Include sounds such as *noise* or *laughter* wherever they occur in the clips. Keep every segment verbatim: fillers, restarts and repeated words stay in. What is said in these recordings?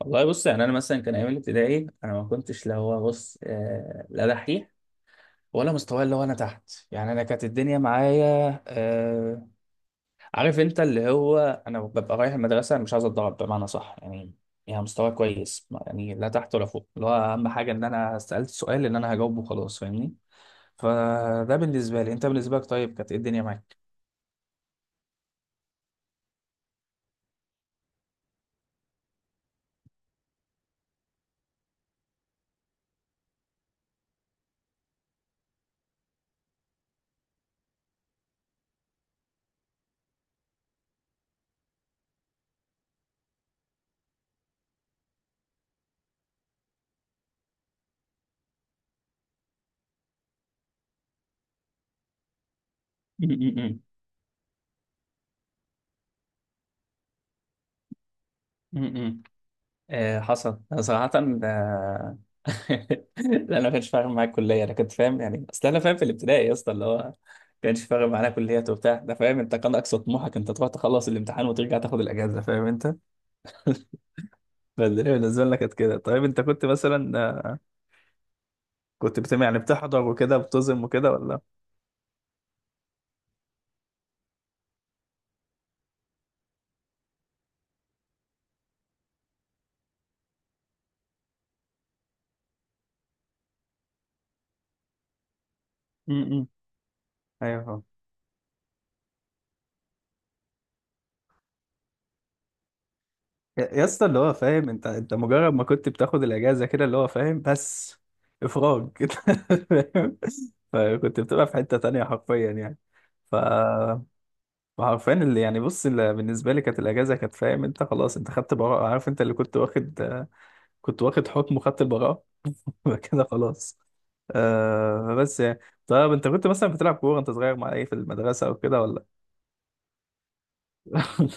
والله بص يعني انا مثلا كان ايام الابتدائي انا ما كنتش، لا هو بص، آه لا دحيح ولا مستواي، اللي هو انا تحت. يعني انا كانت الدنيا معايا، آه عارف انت، اللي هو انا ببقى رايح المدرسه أنا مش عايز اتضرب، بمعنى صح يعني. يعني مستواي كويس، ما- يعني لا تحت ولا فوق، اللي هو اهم حاجه ان انا سالت سؤال ان انا هجاوبه خلاص، فاهمني. فده بالنسبه لي، انت بالنسبه لك طيب كانت ايه الدنيا معاك؟ م- م- م. م- م. آه، حصل. أنا صراحه آه، لا انا ما كانش فارق معايا الكليه، انا كنت فاهم يعني. اصل انا فاهم في الابتدائي يا اسطى، اللي هو ما كانش فارق معانا كليات وبتاع ده، فاهم انت. كان اقصى طموحك انت تروح تخلص الامتحان وترجع تاخد الاجازه، فاهم انت. فالدنيا بالنسبه لنا كانت كده. طيب انت كنت مثلا آه، كنت بت... يعني بتحضر وكده بتظلم وكده، ولا؟ امم ايوه فاهم. يا يا اسطى، اللي هو فاهم انت، انت مجرد ما كنت بتاخد الاجازه كده، اللي هو فاهم، بس افراج *laughs* كده، فاهم. فكنت بتبقى في حته تانية حرفيا يعني. ف وعارفين اللي يعني، بص، اللي بالنسبه لي كانت الاجازه، كانت فاهم انت، خلاص انت خدت براءه، عارف انت، اللي كنت واخد آه، كنت واخد حكم وخدت البراءه. *laughs* كده خلاص. آه بس يعني. طب انت كنت مثلا بتلعب كوره انت صغير مع ايه في المدرسه او كده، ولا؟ *laughs*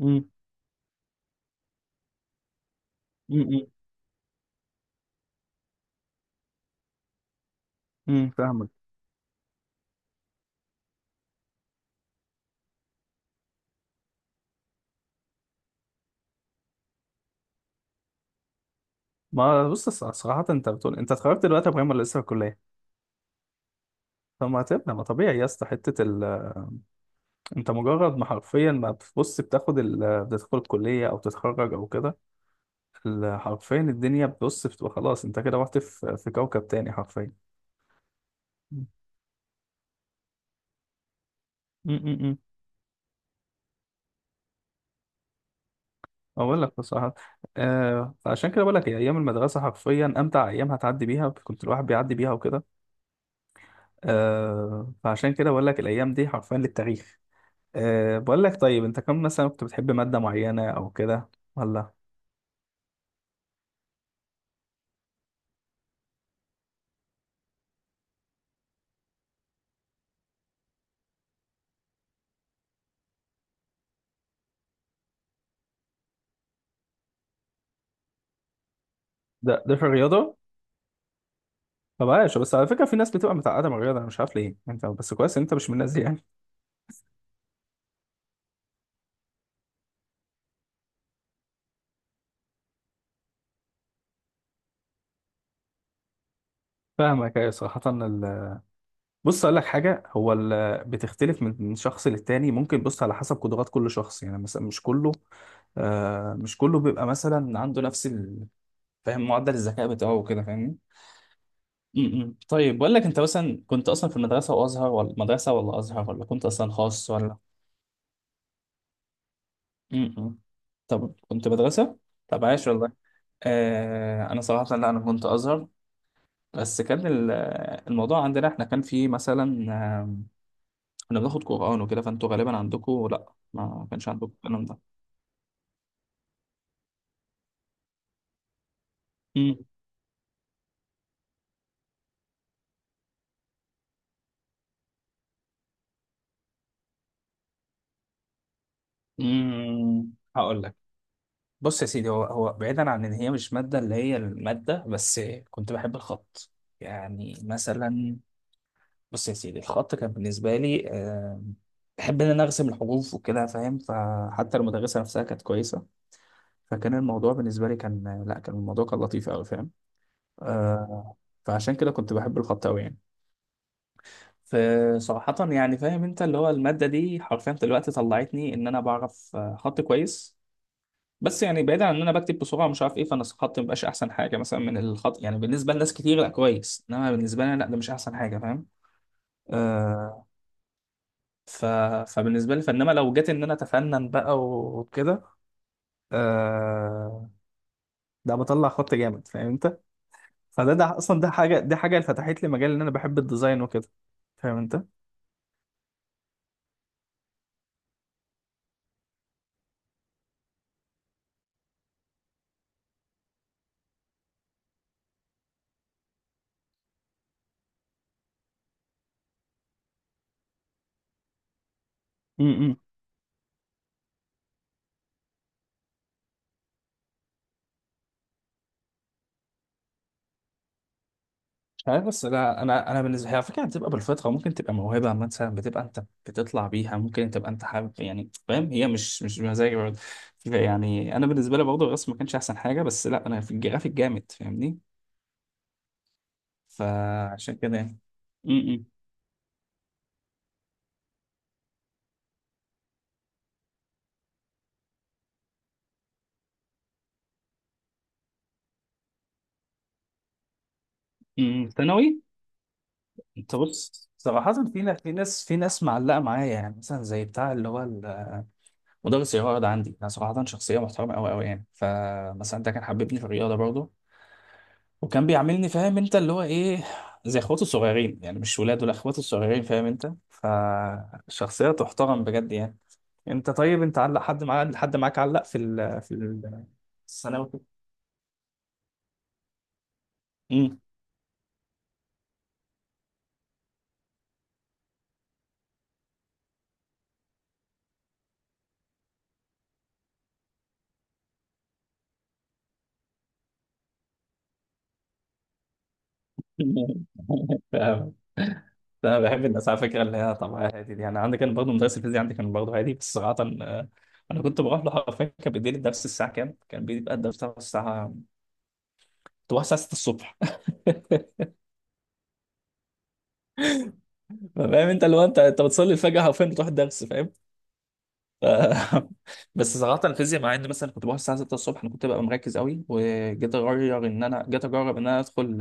امم امم امم فاهمك. ما بص، الص- صراحة انت بتقول انت اتخرجت دلوقتي يا ابراهيم، ولا لسه في الكلية؟ طب ما هتبقى، ما طبيعي يا اسطى، حتة ال... انت مجرد ما حرفيا ما بتبص، بتاخد ال... بتدخل الكلية او تتخرج او كده، ال- حرفيا الدنيا بتبص بتبقى خلاص، انت كده رحت في في كوكب تاني حرفيا. م- م- م. اقول لك بصراحه، آه، عشان كده بقول لك هي ايام المدرسه حرفيا امتع ايام هتعدي بيها، كنت الواحد بيعدي بيها وكده. آه، فعشان كده بقول لك الايام دي حرفيا للتاريخ. آه، بقول لك، طيب انت كم مثلا كنت بتحب ماده معينه او كده، ولا؟ ده ده في الرياضه؟ طب عايش. بس على فكره، في ناس بتبقى متعقده من الرياضه، انا مش عارف ليه، انت بس كويس ان انت مش من الناس دي يعني. فاهمك، ايوه صراحه. بص، اقول لك حاجه، هو ال- بتختلف من من شخص للتاني، ممكن بص على حسب قدرات كل شخص. يعني مثلا مش كله، آه مش كله بيبقى مثلا عنده نفس ال- فاهم، معدل الذكاء بتاعه وكده، فاهمني. م- م. طيب بقول لك، انت مثلا كنت اصلا في المدرسه وازهر ولا مدرسه ولا ازهر، ولا كنت اصلا خاص ولا؟ م- م. طب كنت مدرسه. طب عايش والله. آه، انا صراحه لا، انا كنت ازهر، بس كان ال- الموضوع عندنا احنا كان فيه مثلا، كنا بناخد قرآن وكده، فانتوا غالبا عندكم لا، ما كانش عندكم الكلام ده. مم. مم. هقول لك، بص يا سيدي، هو هو بعيدا عن ان هي مش ماده، اللي هي الماده بس، كنت بحب الخط. يعني مثلا، بص يا سيدي، الخط كان بالنسبه لي آه، بحب ان انا ارسم الحروف وكده، فاهم، فحتى المدرسه نفسها كانت كويسه، فكان الموضوع بالنسبه لي كان، لا كان الموضوع كان لطيف قوي، فاهم. آه، فعشان كده كنت بحب الخط قوي يعني. فصراحة يعني، فاهم انت، اللي هو المادة دي حرفيا دلوقتي طلعتني ان انا بعرف آه، خط كويس. بس يعني بعيدا عن ان انا بكتب بسرعة مش عارف ايه، فانا الخط مبقاش احسن حاجة مثلا، من الخط يعني بالنسبة لناس كتير، لا كويس، انما بالنسبة لي لا، ده مش احسن حاجة، فاهم. آه. ف... فبالنسبة لي، فانما لو جيت ان انا اتفنن بقى وكده، آه، ده بطلع خط جامد، فاهم انت. فده ده اصلا، ده حاجة دي حاجة اللي فتحت لي مجال ان انا بحب الديزاين وكده، فاهم انت. مش عارف، بس انا انا انا بالنسبه، هي على فكره هتبقى بالفطره، ممكن تبقى موهبه مثلا بتبقى انت بتطلع بيها، ممكن تبقى انت حابب يعني، فاهم، هي مش مش مزاجي برضه. يعني انا بالنسبه لي برضه الرسم ما كانش احسن حاجه، بس لا انا في الجرافيك جامد، فاهمني. فعشان كده يعني. م- م- م- ثانوي. انت بص صراحه، في ناس في ناس في ناس معلقه معايا، يعني مثلا زي بتاع اللي هو ال- مدرس الرياضه عندي، انا صراحه شخصيه محترمه قوي قوي يعني، فمثلا ده كان حببني في الرياضه برضه، وكان بيعاملني، فاهم انت اللي هو ايه، زي اخواته الصغيرين يعني، مش ولاده لا اخواته الصغيرين، فاهم انت، فشخصية تحترم بجد يعني. انت طيب، انت علق حد معاك، حد معاك علق في ال في ال- الثانوي كده؟ امم فاهم. *laughs* انا بحب الناس على فكره، اللي هي طبعا هادي دي، يعني عندي كان برضه مدرس الفيزياء عندي كان برضه هادي بس صراحه، آه، انا كنت بروح له حرفيا، كان بيديني الدرس الساعه كام؟ كان بيبقى الدرس بتاعه الساعه، تروح الساعه ستة الصبح. *laughs* فاهم انت اللي هو، انت انت بتصلي الفجر حرفيا بتروح الدرس. ف- *laughs* بس صراحة الفيزياء، مع ان مثلا كنت بروح الساعة ستة الصبح، انا كنت ببقى مركز قوي، وجيت اغير، ان انا جيت اجرب ان انا ادخل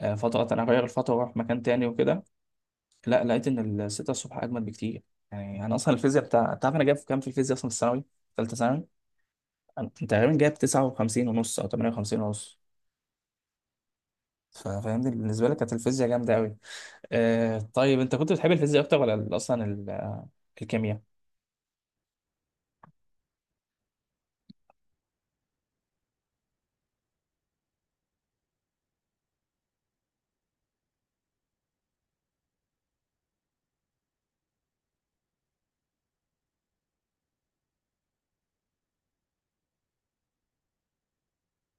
آه، فترة، انا اغير الفترة واروح مكان تاني وكده، لا لقيت ان ال ستة الصبح اجمل بكتير. يعني انا اصلا الفيزياء بتاع، انت عارف انا جايب كام في الفيزياء اصلا في الثانوي، ثالثة ثانوي؟ انا كنت تقريبا جايب تسعة وخمسين ونص او تمنية وخمسين ونص. ف- فاهمني بالنسبة لي كانت الفيزياء جامدة قوي. آه، طيب انت كنت بتحب الفيزياء اكتر ولا ال- اصلا ال- آه، الكيمياء؟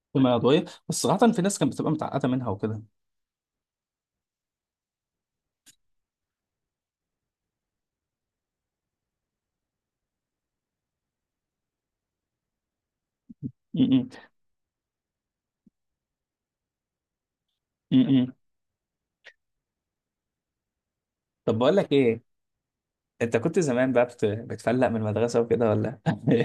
الكيمياء العضوية، بس صراحة في ناس كانت بتبقى متعقدة منها وكده. م- م- م- طب بقول لك ايه، انت كنت زمان بقى بت... بتفلق من المدرسه وكده، ولا؟ *laughs*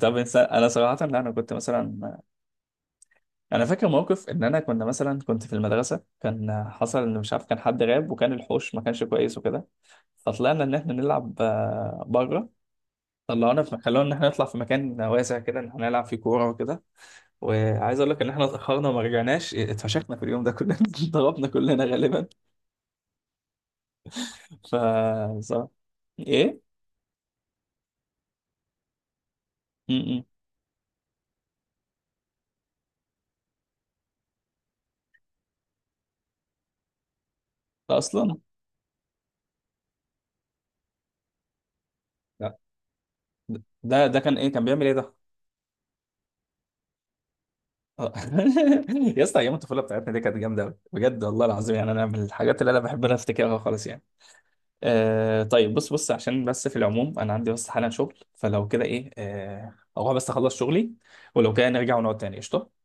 طب انسان، انا صراحه لا، انا كنت مثلا، انا فاكر موقف ان انا، كنا مثلا كنت في المدرسه، كان حصل ان مش عارف، كان حد غاب وكان الحوش ما كانش كويس وكده، فطلعنا ان احنا نلعب آه، بره، طلعونا في، خلونا ان احنا نطلع في مكان واسع كده ان احنا نلعب فيه كوره وكده، وعايز اقول لك ان احنا اتاخرنا وما رجعناش، اتفشخنا في اليوم ده كلنا. *laughs* ضربنا كلنا غالبا. ف صراحة- ايه. م- م. اصلا. ده ده كان ايه، كان بيعمل ايه ده؟ آه. *laughs* يا اسطى، ايام الطفوله بتاعتنا دي كانت جامده أوي، بجد والله العظيم. يعني انا من الحاجات اللي انا بحب انا افتكرها خالص يعني. آه، طيب بص بص، عشان بس في العموم انا عندي بس حالا شغل، فلو كده ايه، آه اروح بس اخلص شغلي، ولو كده نرجع ونقعد تاني، قشطه.